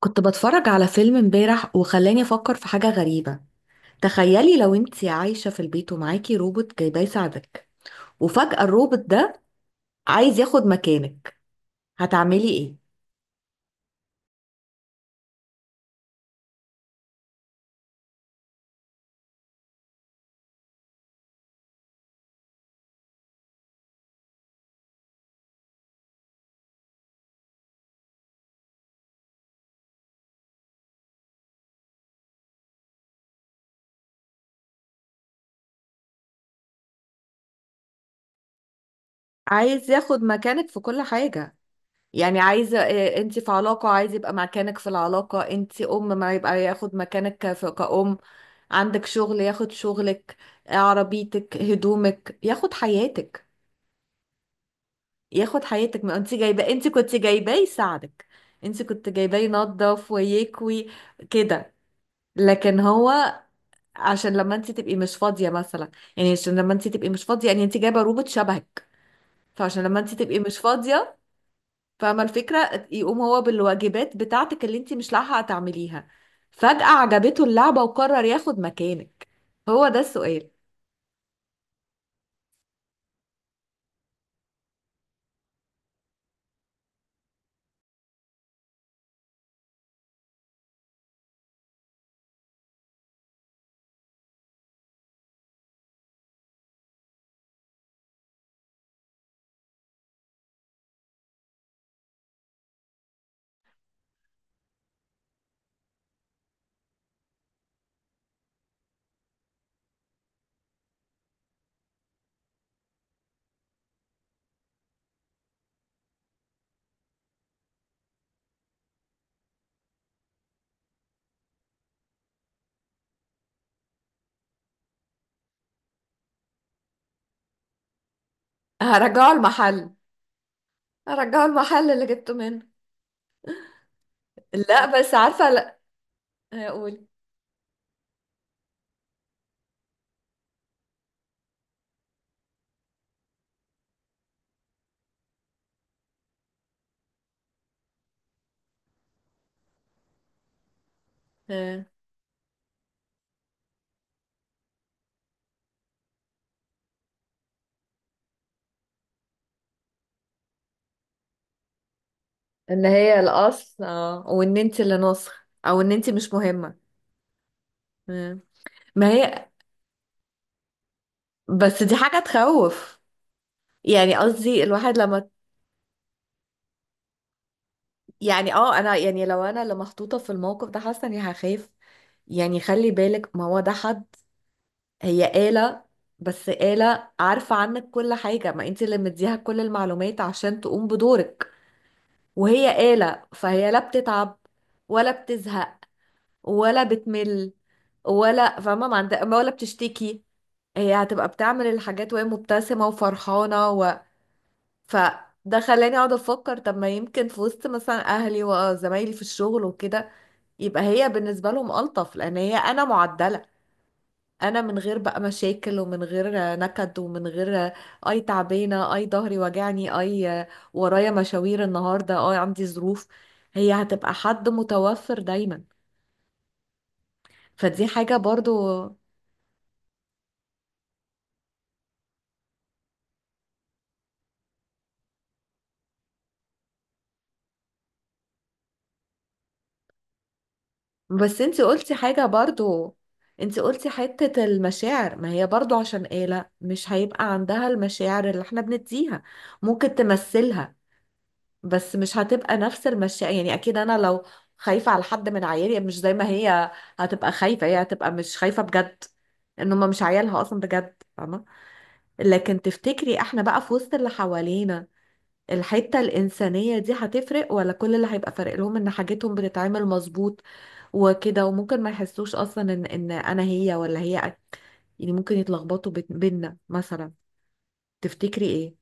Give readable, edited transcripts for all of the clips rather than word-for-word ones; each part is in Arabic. كنت بتفرج على فيلم امبارح وخلاني افكر في حاجة غريبة. تخيلي لو انتي عايشة في البيت ومعاكي روبوت جايباه يساعدك، وفجأة الروبوت ده عايز ياخد مكانك. هتعملي ايه؟ عايز ياخد مكانك في كل حاجة. يعني عايزة، انتي في علاقة، عايز يبقى مكانك في العلاقة انتي ام، ما يبقى ياخد مكانك كأم. عندك شغل ياخد شغلك، عربيتك، هدومك، ياخد حياتك. ياخد حياتك ما انت جايبه، انت كنت جايباه يساعدك. انت كنت جايباه ينظف ويكوي كده. لكن هو، عشان لما انت تبقي مش فاضيه مثلا، يعني عشان لما انت تبقي مش فاضيه، يعني انت جايبه روبوت شبهك، فعشان لما انت تبقي مش فاضيه، فاهمه الفكره، يقوم هو بالواجبات بتاعتك اللي انت مش لاحقه تعمليها. فجأة عجبته اللعبه وقرر ياخد مكانك. هو ده السؤال. هرجعه المحل. هرجعه المحل اللي جبته منه. لا، بس عارفه، لا. هقول: ان هي الاصل، اه، وان انت اللي ناصح، او ان انت مش مهمة. مم. ما هي، بس دي حاجة تخوف. يعني قصدي الواحد لما يعني انا، يعني لو انا اللي محطوطة في الموقف ده، حاسة اني هخاف. يعني خلي بالك، ما هو ده حد، هي آلة. بس آلة عارفة عنك كل حاجة، ما انت اللي مديها كل المعلومات عشان تقوم بدورك. وهي آلة، فهي لا بتتعب ولا بتزهق ولا بتمل ولا فاهمة ما عند... ولا بتشتكي. هي هتبقى بتعمل الحاجات وهي مبتسمة وفرحانة. فده خلاني اقعد افكر: طب ما يمكن في وسط مثلا اهلي وزمايلي في الشغل وكده، يبقى هي بالنسبة لهم ألطف، لان هي انا معدلة، انا من غير بقى مشاكل ومن غير نكد ومن غير اي تعبانة، اي ظهري وجعني، اي ورايا مشاوير النهاردة، اي عندي ظروف. هي هتبقى حد متوفر دايما. فدي حاجة برضو. بس انت قلتي حاجة برضو، انت قلتي حتة المشاعر. ما هي برضو، عشان آلة، مش هيبقى عندها المشاعر اللي احنا بنديها. ممكن تمثلها، بس مش هتبقى نفس المشاعر. يعني اكيد انا لو خايفة على حد من عيالي، مش زي ما هي هتبقى خايفة، هي هتبقى مش خايفة بجد. ان هما مش عيالها اصلا بجد، فاهمة. لكن تفتكري احنا بقى في وسط اللي حوالينا، الحتة الإنسانية دي هتفرق، ولا كل اللي هيبقى فارق لهم إن حاجتهم بتتعمل مظبوط وكده؟ وممكن ما يحسوش اصلا ان انا هي، ولا هي يعني ممكن يتلخبطوا بينا مثلا. تفتكري ايه؟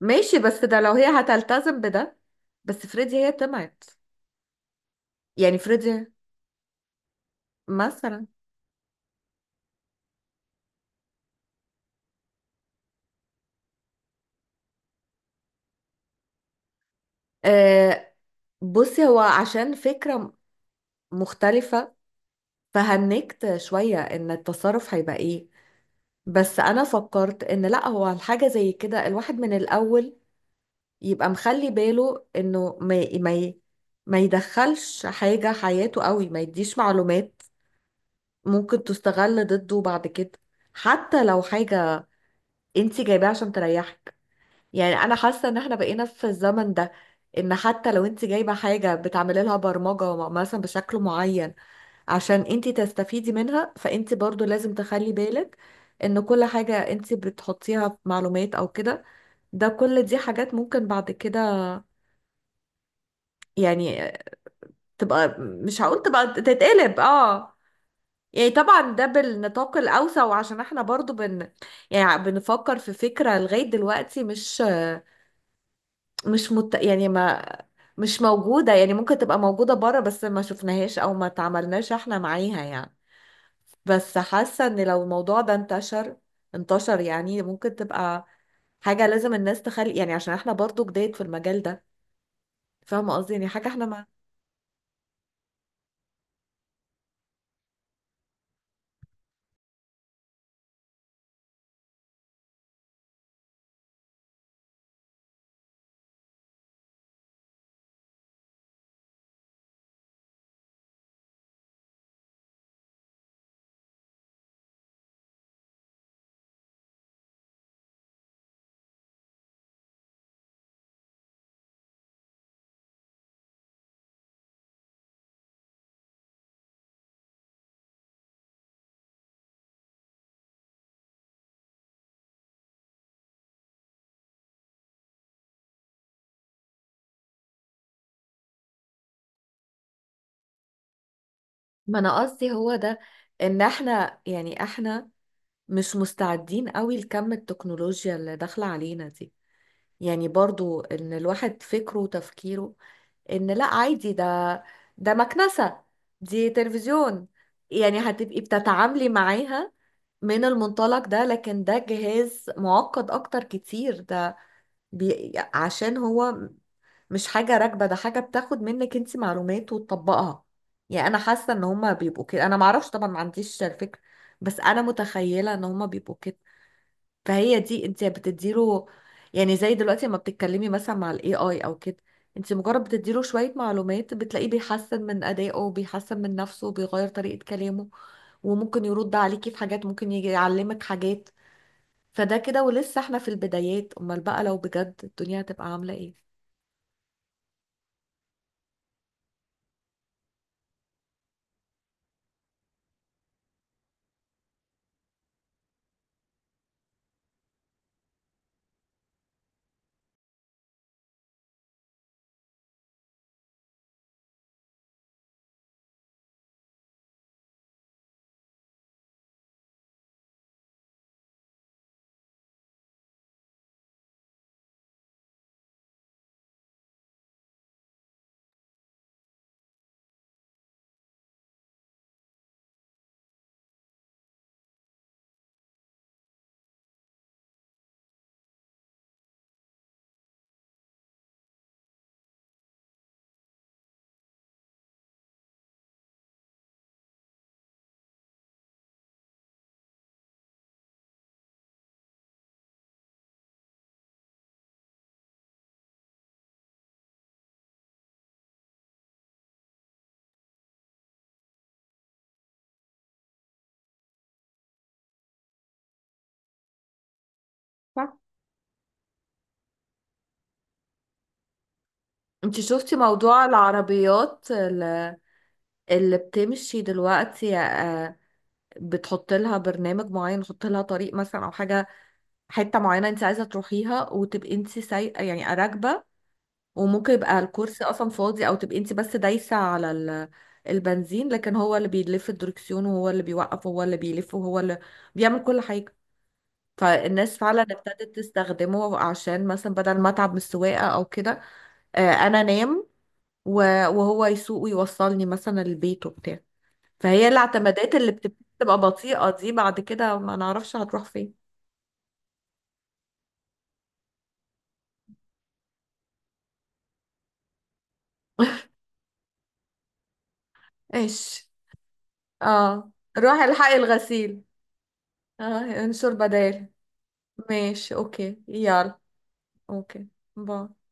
ماشي، بس ده لو هي هتلتزم بده. بس فريدي هي طمعت. يعني فريدي مثلا. آه، بصي، هو عشان فكرة مختلفة، فهنكت شوية ان التصرف هيبقى ايه. بس انا فكرت ان لا، هو الحاجة زي كده الواحد من الاول يبقى مخلي باله انه ما يدخلش حاجة حياته قوي، ما يديش معلومات ممكن تستغل ضده بعد كده، حتى لو حاجة انت جايباها عشان تريحك. يعني انا حاسة ان احنا بقينا في الزمن ده، ان حتى لو انت جايبة حاجة بتعملي لها برمجة مثلا بشكل معين عشان انت تستفيدي منها، فانت برضو لازم تخلي بالك ان كل حاجة انت بتحطيها في معلومات او كده، ده كل دي حاجات ممكن بعد كده، يعني، تبقى، مش هقول تبقى تتقلب، يعني، طبعا ده بالنطاق الاوسع. وعشان احنا برضو يعني بنفكر في فكرة لغاية دلوقتي مش مش مت... يعني ما مش موجودة. يعني ممكن تبقى موجودة بره، بس ما شفناهاش او ما تعاملناش احنا معاها يعني. بس حاسة ان لو الموضوع ده انتشر، يعني ممكن تبقى حاجة لازم الناس تخلي، يعني عشان احنا برضو جداد في المجال ده. فاهمة قصدي؟ يعني حاجة احنا ما ما انا قصدي هو ده، ان احنا، يعني، احنا مش مستعدين قوي لكم التكنولوجيا اللي داخلة علينا دي. يعني برضو ان الواحد فكره وتفكيره ان لا، عادي ده مكنسة، دي تلفزيون. يعني هتبقي بتتعاملي معاها من المنطلق ده. لكن ده جهاز معقد اكتر كتير. ده عشان هو مش حاجة راكبة، ده حاجة بتاخد منك انت معلومات وتطبقها. يعني انا حاسة ان هما بيبقوا كده. انا معرفش طبعا، ما عنديش الفكرة، بس انا متخيلة ان هما بيبقوا كده. فهي دي انت بتديله. يعني زي دلوقتي لما بتتكلمي مثلا مع الاي اي او كده، انت مجرد بتديله شوية معلومات، بتلاقيه بيحسن من ادائه، بيحسن من نفسه، بيغير طريقة كلامه، وممكن يرد عليكي في حاجات، ممكن يجي يعلمك حاجات. فده كده، ولسه احنا في البدايات، امال بقى لو بجد الدنيا هتبقى عاملة ايه؟ صح. انت شفتي موضوع العربيات اللي بتمشي دلوقتي؟ آه، بتحط لها برنامج معين، تحط لها طريق مثلا او حاجة، حته معينه انت عايزه تروحيها، وتبقي انت سايقه، يعني راكبه. وممكن يبقى الكرسي اصلا فاضي، او تبقي انت بس دايسه على البنزين، لكن هو اللي بيلف الدركسيون وهو اللي بيوقف وهو اللي بيلف وهو اللي بيعمل كل حاجه. فالناس فعلا ابتدت تستخدمه، عشان مثلا بدل ما اتعب من السواقه او كده، آه، انا انام وهو يسوق ويوصلني مثلا البيت وبتاع. فهي الاعتمادات اللي بتبقى بطيئه دي بعد كده، ما نعرفش هتروح فين. ايش؟ اه، روحي الحقي الغسيل. اه، انشر بدال. ماشي، اوكي، يلا. اوكي. باي.